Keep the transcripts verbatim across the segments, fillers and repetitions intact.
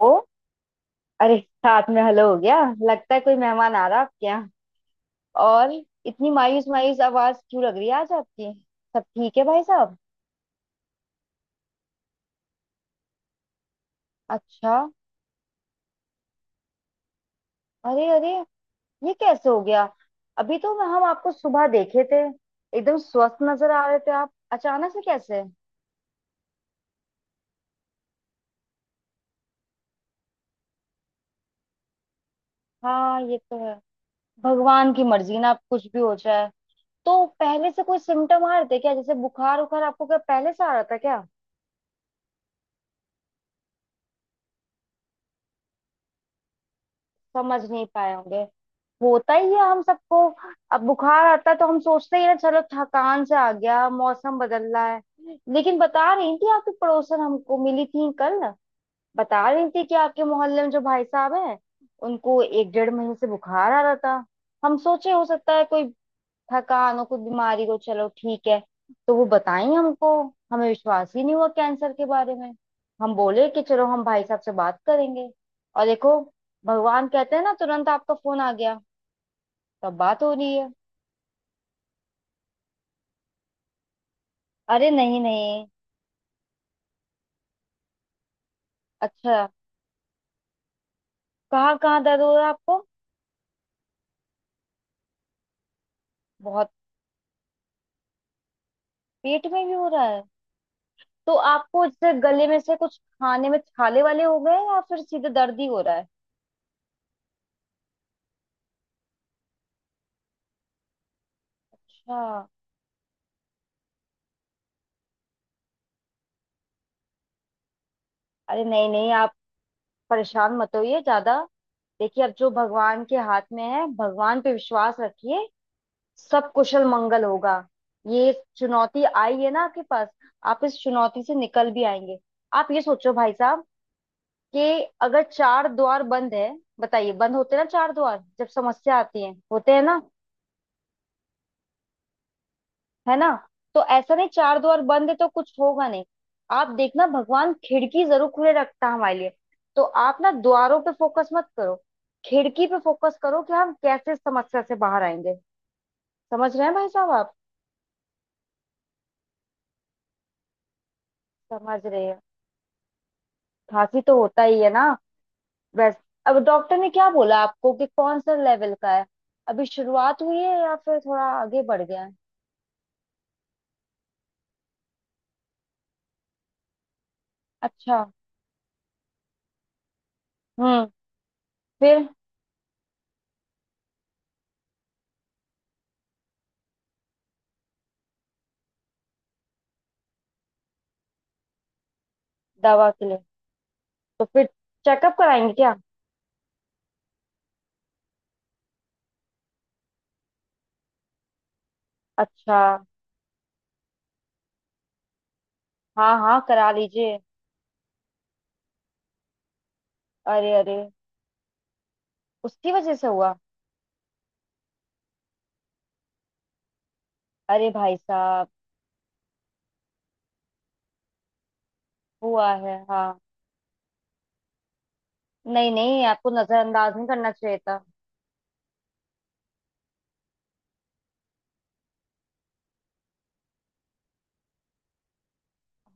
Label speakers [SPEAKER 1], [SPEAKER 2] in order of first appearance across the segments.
[SPEAKER 1] ओ। अरे। साथ में हेलो हो गया। लगता है कोई मेहमान आ रहा है आपके यहाँ। और इतनी मायूस मायूस आवाज क्यों लग रही है आज आपकी? सब ठीक है भाई साहब? अच्छा। अरे अरे, ये कैसे हो गया? अभी तो हम आपको सुबह देखे थे। एकदम स्वस्थ नजर आ रहे थे आप, अचानक से कैसे? हाँ, ये तो है। भगवान की मर्जी ना, आप कुछ भी हो जाए। तो पहले से कोई सिम्टम आ रहे थे क्या, जैसे बुखार उखार आपको क्या पहले से आ रहा था क्या? समझ नहीं पाए होंगे, होता ही है हम सबको। अब बुखार आता है तो हम सोचते ही हैं चलो थकान से आ गया, मौसम बदल रहा है। लेकिन बता रही थी आपकी पड़ोसन हमको मिली थी कल, बता रही थी कि आपके मोहल्ले में जो भाई साहब हैं उनको एक डेढ़ महीने से बुखार आ रहा था। हम सोचे हो सकता है कोई थकान और कुछ बीमारी को चलो ठीक है। तो वो बताएं हमको, हमें विश्वास ही नहीं हुआ कैंसर के बारे में। हम बोले कि चलो हम भाई साहब से बात करेंगे, और देखो भगवान कहते हैं ना तुरंत आपका फोन आ गया, तब बात हो रही है। अरे नहीं नहीं। अच्छा। कहाँ कहाँ दर्द हो रहा है आपको? बहुत। पेट में भी हो रहा है? तो आपको जैसे गले में से कुछ खाने में छाले वाले हो गए या फिर सीधे दर्द ही हो रहा है? अच्छा। अरे नहीं नहीं, आप परेशान मत होइए ज्यादा। देखिए, अब जो भगवान के हाथ में है भगवान पे विश्वास रखिए, सब कुशल मंगल होगा। ये चुनौती आई है ना आपके पास, आप इस चुनौती से निकल भी आएंगे। आप ये सोचो भाई साहब, कि अगर चार द्वार बंद है। बताइए, बंद होते हैं ना चार द्वार जब समस्या आती है, होते हैं ना? है ना? तो ऐसा नहीं चार द्वार बंद है तो कुछ होगा नहीं। आप देखना, भगवान खिड़की जरूर खुले रखता है हमारे लिए। तो आप ना द्वारों पे फोकस मत करो, खिड़की पे फोकस करो कि हम कैसे इस समस्या से बाहर आएंगे। समझ रहे हैं भाई साहब आप? समझ रहे हैं। खांसी तो होता ही है ना वैसे। अब डॉक्टर ने क्या बोला आपको कि कौन सा लेवल का है, अभी शुरुआत हुई है या फिर थोड़ा आगे बढ़ गया है? अच्छा। हम्म। फिर? दवा के लिए? तो फिर चेकअप कराएंगे क्या? अच्छा। हाँ हाँ, करा लीजिए। अरे अरे। उसकी वजह से हुआ? अरे भाई साहब। हुआ है हाँ। नहीं नहीं, आपको नजरअंदाज नहीं करना चाहिए था।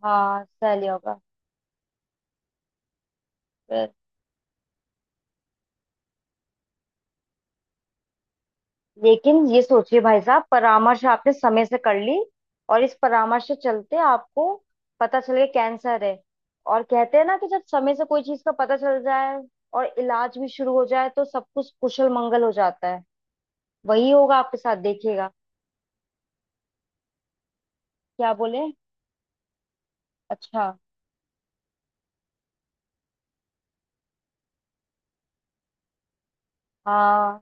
[SPEAKER 1] हाँ सही होगा। लेकिन ये सोचिए भाई साहब, परामर्श आपने समय से कर ली, और इस परामर्श से चलते आपको पता चल गया कैंसर है। और कहते हैं ना कि जब समय से कोई चीज का पता चल जाए और इलाज भी शुरू हो जाए, तो सब कुछ कुशल मंगल हो जाता है। वही होगा आपके साथ, देखिएगा। क्या बोले? अच्छा। हाँ।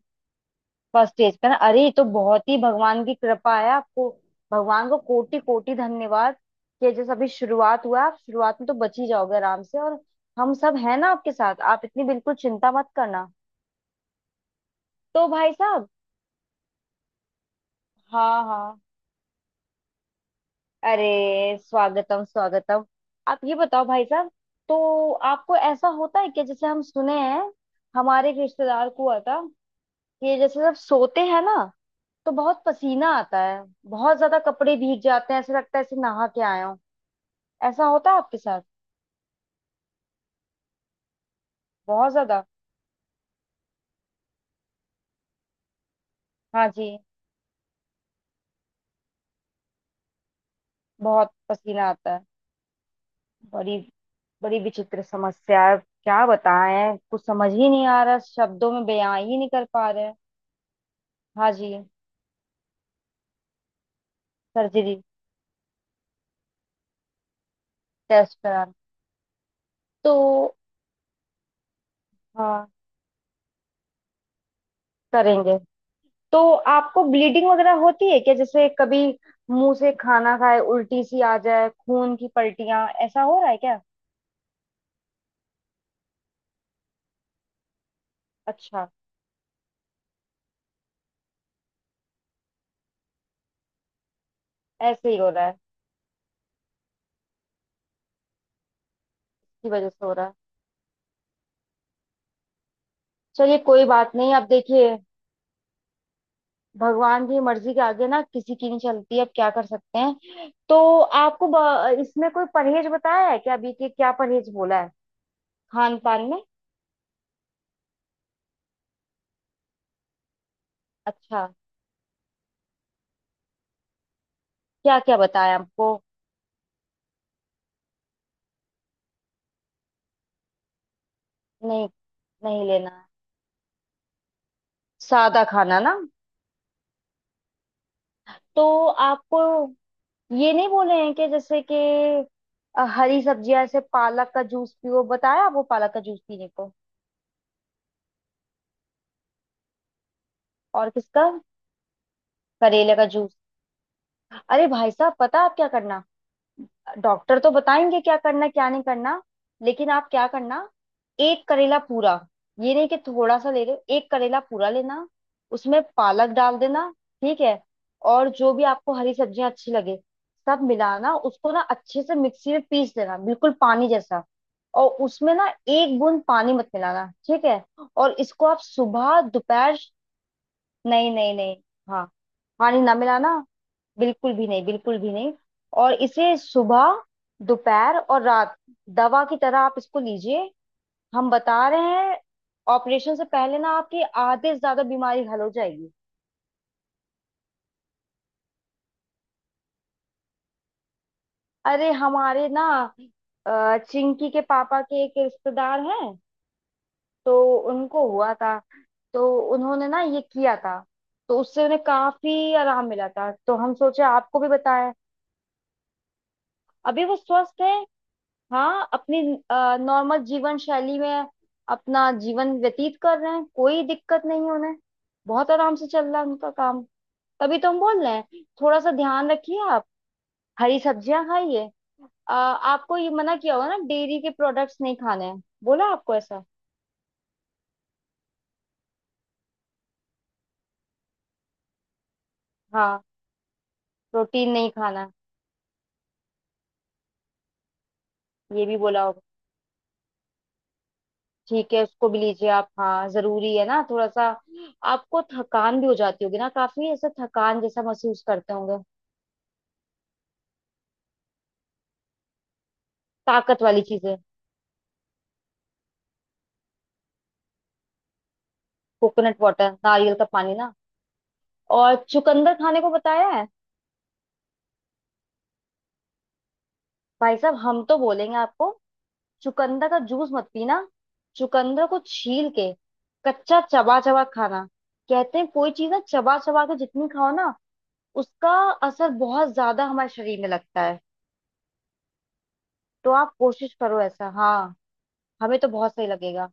[SPEAKER 1] फर्स्ट स्टेज पे ना, अरे ये तो बहुत ही भगवान की कृपा है आपको। भगवान को कोटि कोटि धन्यवाद कि जैसे अभी शुरुआत हुआ है, आप शुरुआत में तो बच ही जाओगे आराम से। और हम सब हैं ना आपके साथ, आप इतनी बिल्कुल चिंता मत करना। तो भाई साहब, हाँ हाँ। अरे, स्वागतम स्वागतम। आप ये बताओ भाई साहब, तो आपको ऐसा होता है कि जैसे हम सुने हैं, हमारे एक रिश्तेदार को हुआ था, कि जैसे जब सोते हैं ना तो बहुत पसीना आता है, बहुत ज्यादा, कपड़े भीग जाते हैं, ऐसे लगता है ऐसे नहा के आए हो। ऐसा होता है आपके साथ? बहुत ज्यादा। हाँ जी। बहुत पसीना आता है। बड़ी, बड़ी विचित्र समस्या है। क्या बताएं, कुछ समझ ही नहीं आ रहा, शब्दों में बयां ही नहीं कर पा रहे हैं। हाँ जी। सर्जरी। टेस्ट करा। तो हाँ करेंगे। तो आपको ब्लीडिंग वगैरह होती है क्या, जैसे कभी मुंह से खाना खाए उल्टी सी आ जाए, खून की पलटियां, ऐसा हो रहा है क्या? अच्छा। ऐसे ही हो रहा है? इसकी वजह से हो रहा है। चलिए कोई बात नहीं, आप देखिए भगवान की मर्जी के आगे ना किसी की नहीं चलती, अब क्या कर सकते हैं। तो आपको ब- इसमें कोई परहेज बताया है क्या, अभी के क्या परहेज बोला है खान पान में? अच्छा। क्या क्या बताया आपको? नहीं, नहीं लेना है, सादा खाना ना। तो आपको ये नहीं बोले हैं कि जैसे कि अ, हरी सब्जियां, ऐसे पालक का जूस पियो, बताया आपको पालक का जूस पीने को? और किसका? करेले का जूस। अरे भाई साहब, पता है आप क्या करना। डॉक्टर तो बताएंगे क्या करना क्या नहीं करना, लेकिन आप क्या करना, एक करेला पूरा, ये नहीं कि थोड़ा सा ले रहे हो, एक करेला पूरा लेना, उसमें पालक डाल देना, ठीक है? और जो भी आपको हरी सब्जियां अच्छी लगे, सब मिलाना, उसको ना अच्छे से मिक्सी में पीस देना बिल्कुल पानी जैसा। और उसमें ना एक बूंद पानी मत मिलाना, ठीक है? और इसको आप सुबह दोपहर। नहीं नहीं नहीं। हाँ। पानी ना मिलाना, बिल्कुल भी नहीं, बिल्कुल भी नहीं। और इसे सुबह, दोपहर और रात, दवा की तरह आप इसको लीजिए। हम बता रहे हैं, ऑपरेशन से पहले ना आपकी आधे से ज्यादा बीमारी हल हो जाएगी। अरे हमारे ना, अ, चिंकी के पापा के एक रिश्तेदार हैं, तो उनको हुआ था, तो उन्होंने ना ये किया था, तो उससे उन्हें काफी आराम मिला था, तो हम सोचे आपको भी बताएं। अभी वो स्वस्थ है, हाँ। अपनी नॉर्मल जीवन शैली में अपना जीवन व्यतीत कर रहे हैं, कोई दिक्कत नहीं उन्हें, बहुत आराम से चल रहा है उनका काम। तभी तो हम बोल रहे हैं, थोड़ा सा ध्यान रखिए आप, हरी सब्जियां खाइए। अ, आपको ये मना किया होगा ना, डेयरी के प्रोडक्ट्स नहीं खाने हैं, बोला आपको ऐसा? हाँ। प्रोटीन नहीं खाना, ये भी बोला होगा। ठीक है, उसको भी लीजिए आप, हाँ जरूरी है ना थोड़ा सा। आपको थकान भी हो जाती होगी ना काफी, ऐसा थकान जैसा महसूस करते होंगे। ताकत वाली चीजें। कोकोनट वाटर, नारियल का पानी ना। और चुकंदर खाने को बताया है? भाई साहब हम तो बोलेंगे आपको, चुकंदर का जूस मत पीना, चुकंदर को छील के कच्चा चबा चबा खाना। कहते हैं कोई चीज ना चबा चबा के जितनी खाओ ना, उसका असर बहुत ज्यादा हमारे शरीर में लगता है। तो आप कोशिश करो ऐसा, हाँ हमें तो बहुत सही लगेगा,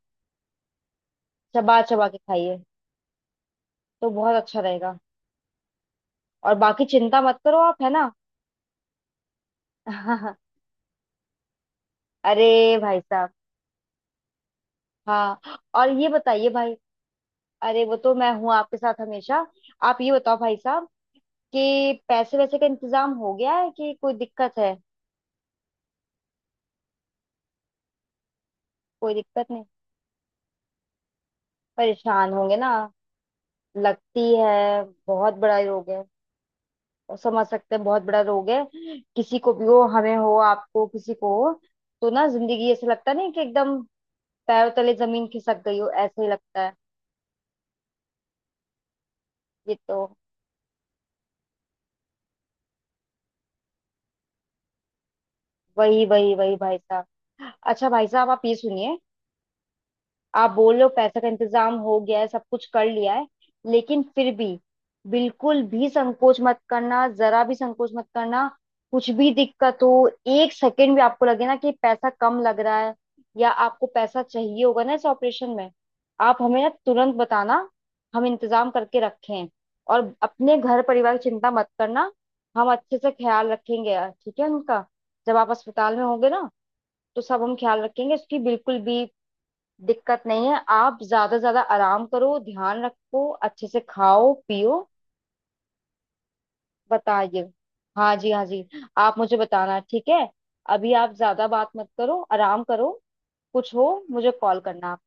[SPEAKER 1] चबा चबा के खाइए तो बहुत अच्छा रहेगा। और बाकी चिंता मत करो आप, है ना? अरे भाई साहब। हाँ। और ये बताइए भाई, अरे वो तो मैं हूँ आपके साथ हमेशा। आप ये बताओ भाई साहब, कि पैसे वैसे का इंतजाम हो गया है कि कोई दिक्कत है? कोई दिक्कत नहीं। परेशान होंगे ना, लगती है। बहुत बड़ा रोग है, और समझ सकते हैं बहुत बड़ा रोग है। किसी को भी हो, हमें हो आपको किसी को हो, तो ना जिंदगी ऐसे लगता नहीं कि एकदम पैरों तले जमीन खिसक गई हो, ऐसे ही लगता है। ये तो वही वही वही भाई साहब। अच्छा भाई साहब, आप ये सुनिए। आप बोल रहे हो पैसे का इंतजाम हो गया है, सब कुछ कर लिया है, लेकिन फिर भी बिल्कुल भी संकोच मत करना, जरा भी संकोच मत करना। कुछ भी दिक्कत हो, एक सेकंड भी आपको लगे ना कि पैसा कम लग रहा है, या आपको पैसा चाहिए होगा ना इस ऑपरेशन में, आप हमें ना तुरंत बताना, हम इंतजाम करके रखें। और अपने घर परिवार की चिंता मत करना, हम अच्छे से ख्याल रखेंगे यार, ठीक है उनका। जब आप अस्पताल में होंगे ना, तो सब हम ख्याल रखेंगे, इसकी बिल्कुल भी दिक्कत नहीं है। आप ज्यादा से ज्यादा आराम करो, ध्यान रखो, अच्छे से खाओ पियो। बताइए। हाँ जी, हाँ जी। आप मुझे बताना, ठीक है? अभी आप ज्यादा बात मत करो, आराम करो, कुछ हो मुझे कॉल करना आप।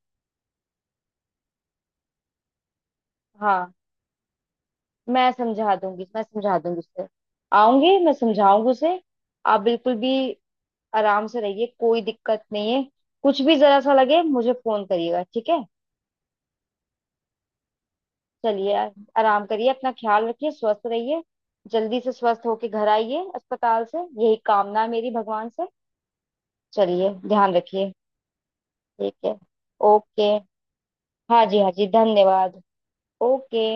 [SPEAKER 1] हाँ। मैं समझा दूंगी, मैं समझा दूंगी उसे, आऊंगी मैं समझाऊंगी उसे। आप बिल्कुल भी आराम से रहिए, कोई दिक्कत नहीं है। कुछ भी जरा सा लगे मुझे फोन करिएगा, ठीक है? चलिए, आराम करिए, अपना ख्याल रखिए, स्वस्थ रहिए। जल्दी से स्वस्थ होके घर आइए अस्पताल से, यही कामना है मेरी भगवान से। चलिए, ध्यान रखिए। ठीक है। ओके। हाँ जी हाँ जी धन्यवाद। ओके।